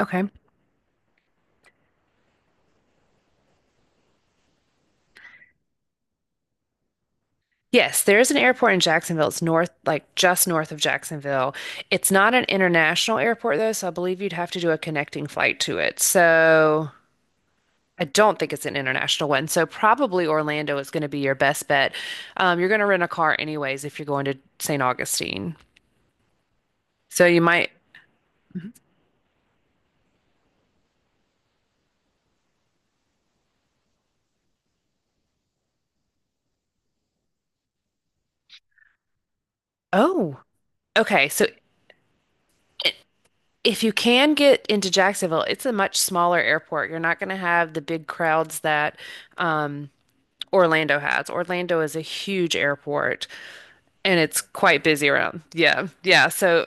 Okay. Yes, there is an airport in Jacksonville. It's north, like just north of Jacksonville. It's not an international airport though, so I believe you'd have to do a connecting flight to it. So I don't think it's an international one. So probably Orlando is going to be your best bet. You're going to rent a car anyways if you're going to St. Augustine. So you might, oh, okay. So i- if you can get into Jacksonville, it's a much smaller airport. You're not going to have the big crowds that um, Orlando has. Orlando is a huge airport and it's quite busy around. Yeah. Yeah. So.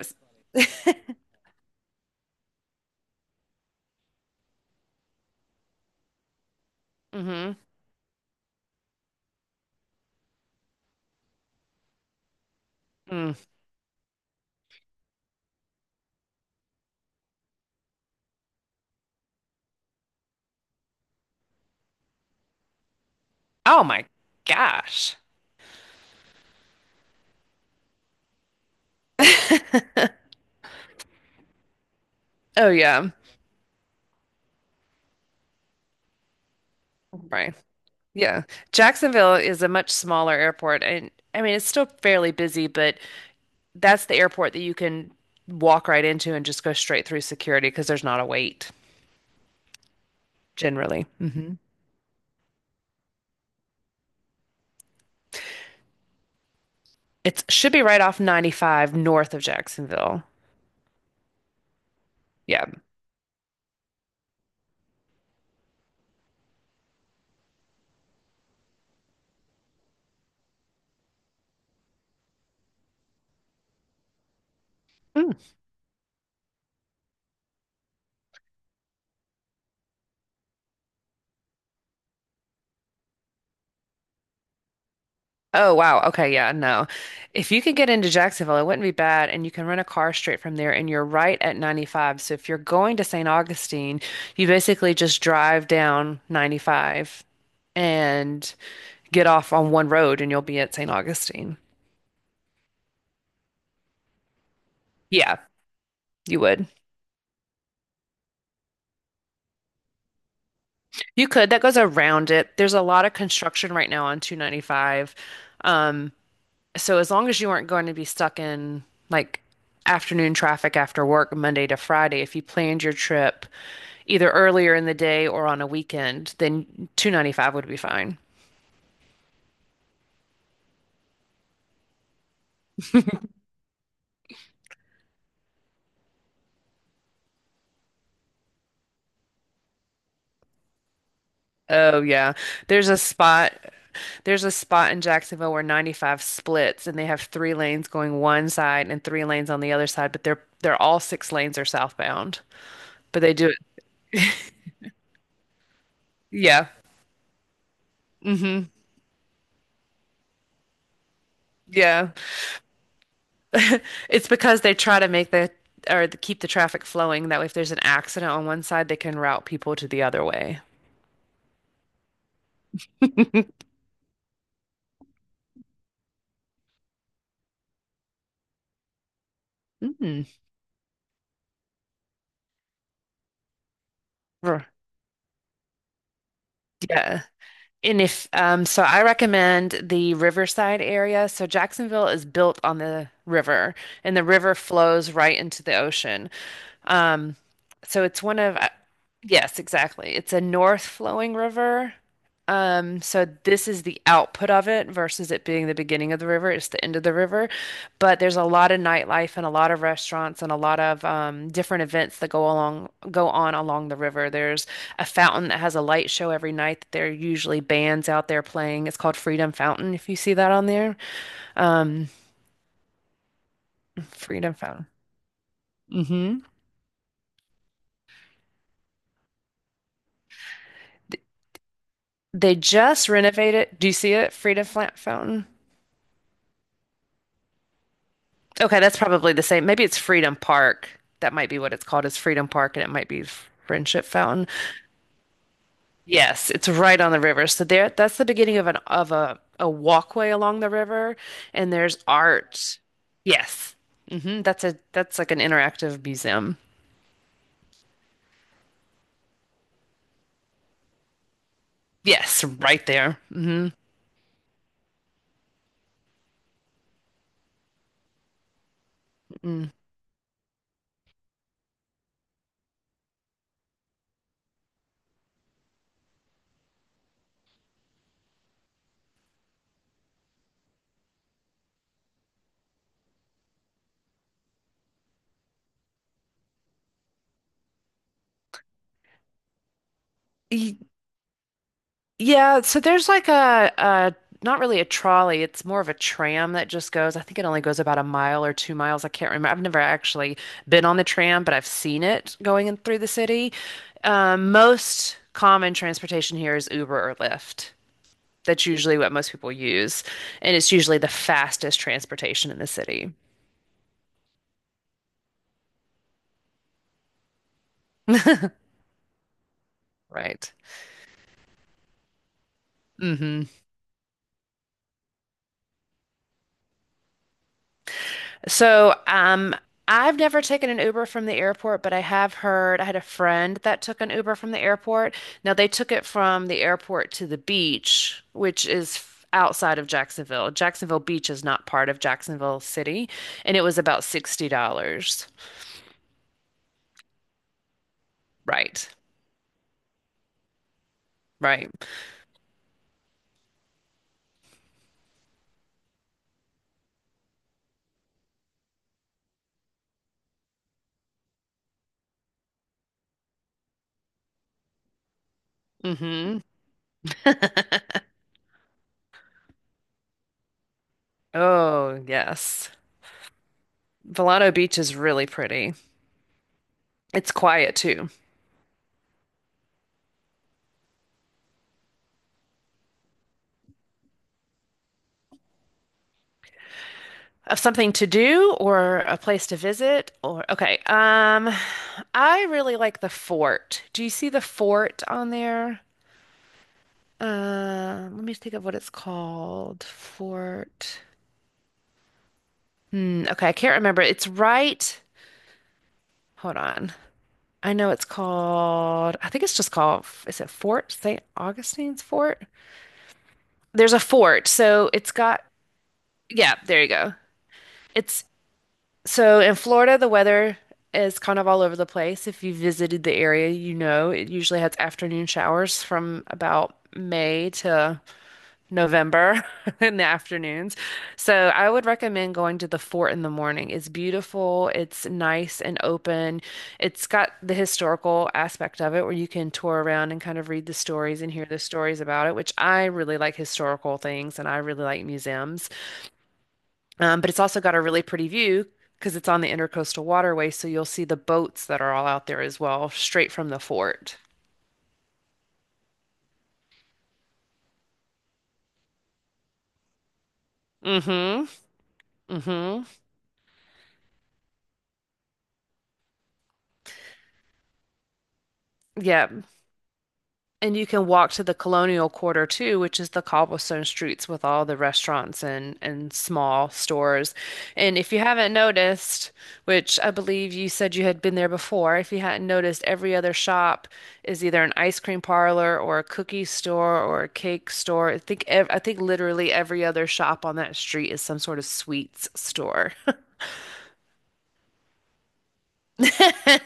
Hmm. Mm. Oh my gosh. Oh yeah. Right. Yeah. Jacksonville is a much smaller airport, and I mean it's still fairly busy, but that's the airport that you can walk right into and just go straight through security because there's not a wait generally. It should be right off 95 north of Jacksonville. Yeah. Oh, wow. Okay. Yeah. No. If you could get into Jacksonville, it wouldn't be bad. And you can rent a car straight from there, and you're right at 95. So if you're going to St. Augustine, you basically just drive down 95 and get off on one road, and you'll be at St. Augustine. Yeah, you would. You could. That goes around it. There's a lot of construction right now on 295. Um, so as long as you aren't going to be stuck in like afternoon traffic after work Monday to Friday, if you planned your trip, either earlier in the day or on a weekend, then 295 would be fine. Oh yeah. There's a spot there's a spot in Jacksonville where 95 splits and they have three lanes going one side and three lanes on the other side, but they're all six lanes are southbound. But they do it. Yeah. Hmm. Yeah. It's because they try to make the or to keep the traffic flowing. That way if there's an accident on one side, they can route people to the other way. Mm. Yeah. And if so, I recommend the Riverside area. So Jacksonville is built on the river, and the river flows right into the ocean. Um, so it's one of, yes, exactly. It's a north flowing river. So this is the output of it versus it being the beginning of the river. It's the end of the river. But there's a lot of nightlife and a lot of restaurants and a lot of different events that go on along the river. There's a fountain that has a light show every night. There are usually bands out there playing. It's called Freedom Fountain, if you see that on there. Um, Freedom Fountain. Hmm. They just renovated. Do you see it? Freedom Fountain. Okay, that's probably the same. Maybe it's Freedom Park. That might be what it's called, is Freedom Park, and it might be Friendship Fountain. Yes, it's right on the river. So there, that's the beginning of an of a walkway along the river, and there's art. Yes. That's like an interactive museum. Yes, right there. Mm-hmm. Mm. Yeah, so there's like a not really a trolley, it's more of a tram that just goes. I think it only goes about a mile or 2 miles. I can't remember. I've never actually been on the tram, but I've seen it going in through the city. Most common transportation here is Uber or Lyft. That's usually what most people use, and it's usually the fastest transportation in the city, right? Hmm. So, I've never taken an Uber from the airport, but I have heard I had a friend that took an Uber from the airport. Now, they took it from the airport to the beach, which is outside of Jacksonville. Jacksonville Beach is not part of Jacksonville City, and it was about $60. Right, right. Mm-hmm. Oh, yes. Volcano Beach is really pretty. It's quiet too. Of something to do or a place to visit, or okay. I really like the fort. Do you see the fort on there? Let me think of what it's called. Fort. Okay, I can't remember. It's right. Hold on. I know it's called. I think it's just called. Is it Fort St. Augustine's Fort? There's a fort, so it's got. Yeah, there you go. It's So in Florida, the weather is kind of all over the place. If you visited the area, you know it usually has afternoon showers from about May to November in the afternoons. So I would recommend going to the fort in the morning. It's beautiful, it's nice and open. It's got the historical aspect of it where you can tour around and kind of read the stories and hear the stories about it, which I really like historical things and I really like museums. But it's also got a really pretty view because it's on the Intercoastal Waterway, so you'll see the boats that are all out there as well, straight from the fort. Mm-hmm. Mm-hmm. Yeah. And you can walk to the Colonial Quarter too, which is the cobblestone streets with all the restaurants and small stores. And if you haven't noticed, which I believe you said you had been there before, if you hadn't noticed, every other shop is either an ice cream parlor or a cookie store or a cake store. I think ev I think literally every other shop on that street is some sort of sweets store.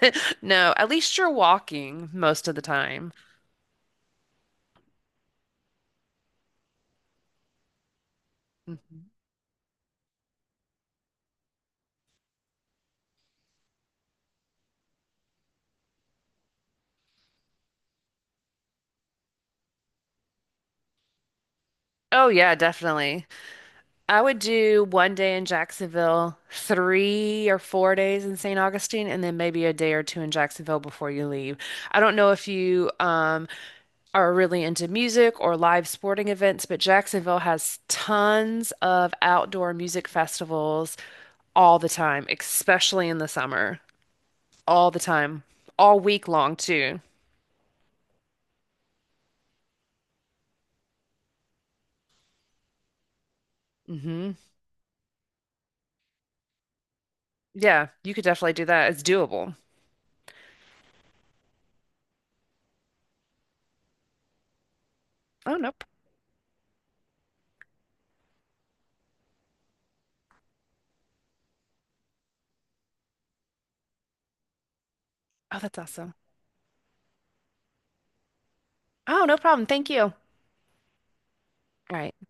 No, at least you're walking most of the time. Mhm. Oh yeah, definitely. I would do one day in Jacksonville, 3 or 4 days in St. Augustine, and then maybe a day or two in Jacksonville before you leave. I don't know if you are really into music or live sporting events, but Jacksonville has tons of outdoor music festivals all the time, especially in the summer, all the time, all week long too. Hmm. Yeah, you could definitely do that. It's doable. Oh, nope. Oh, that's awesome. Oh, no problem. Thank you. All right.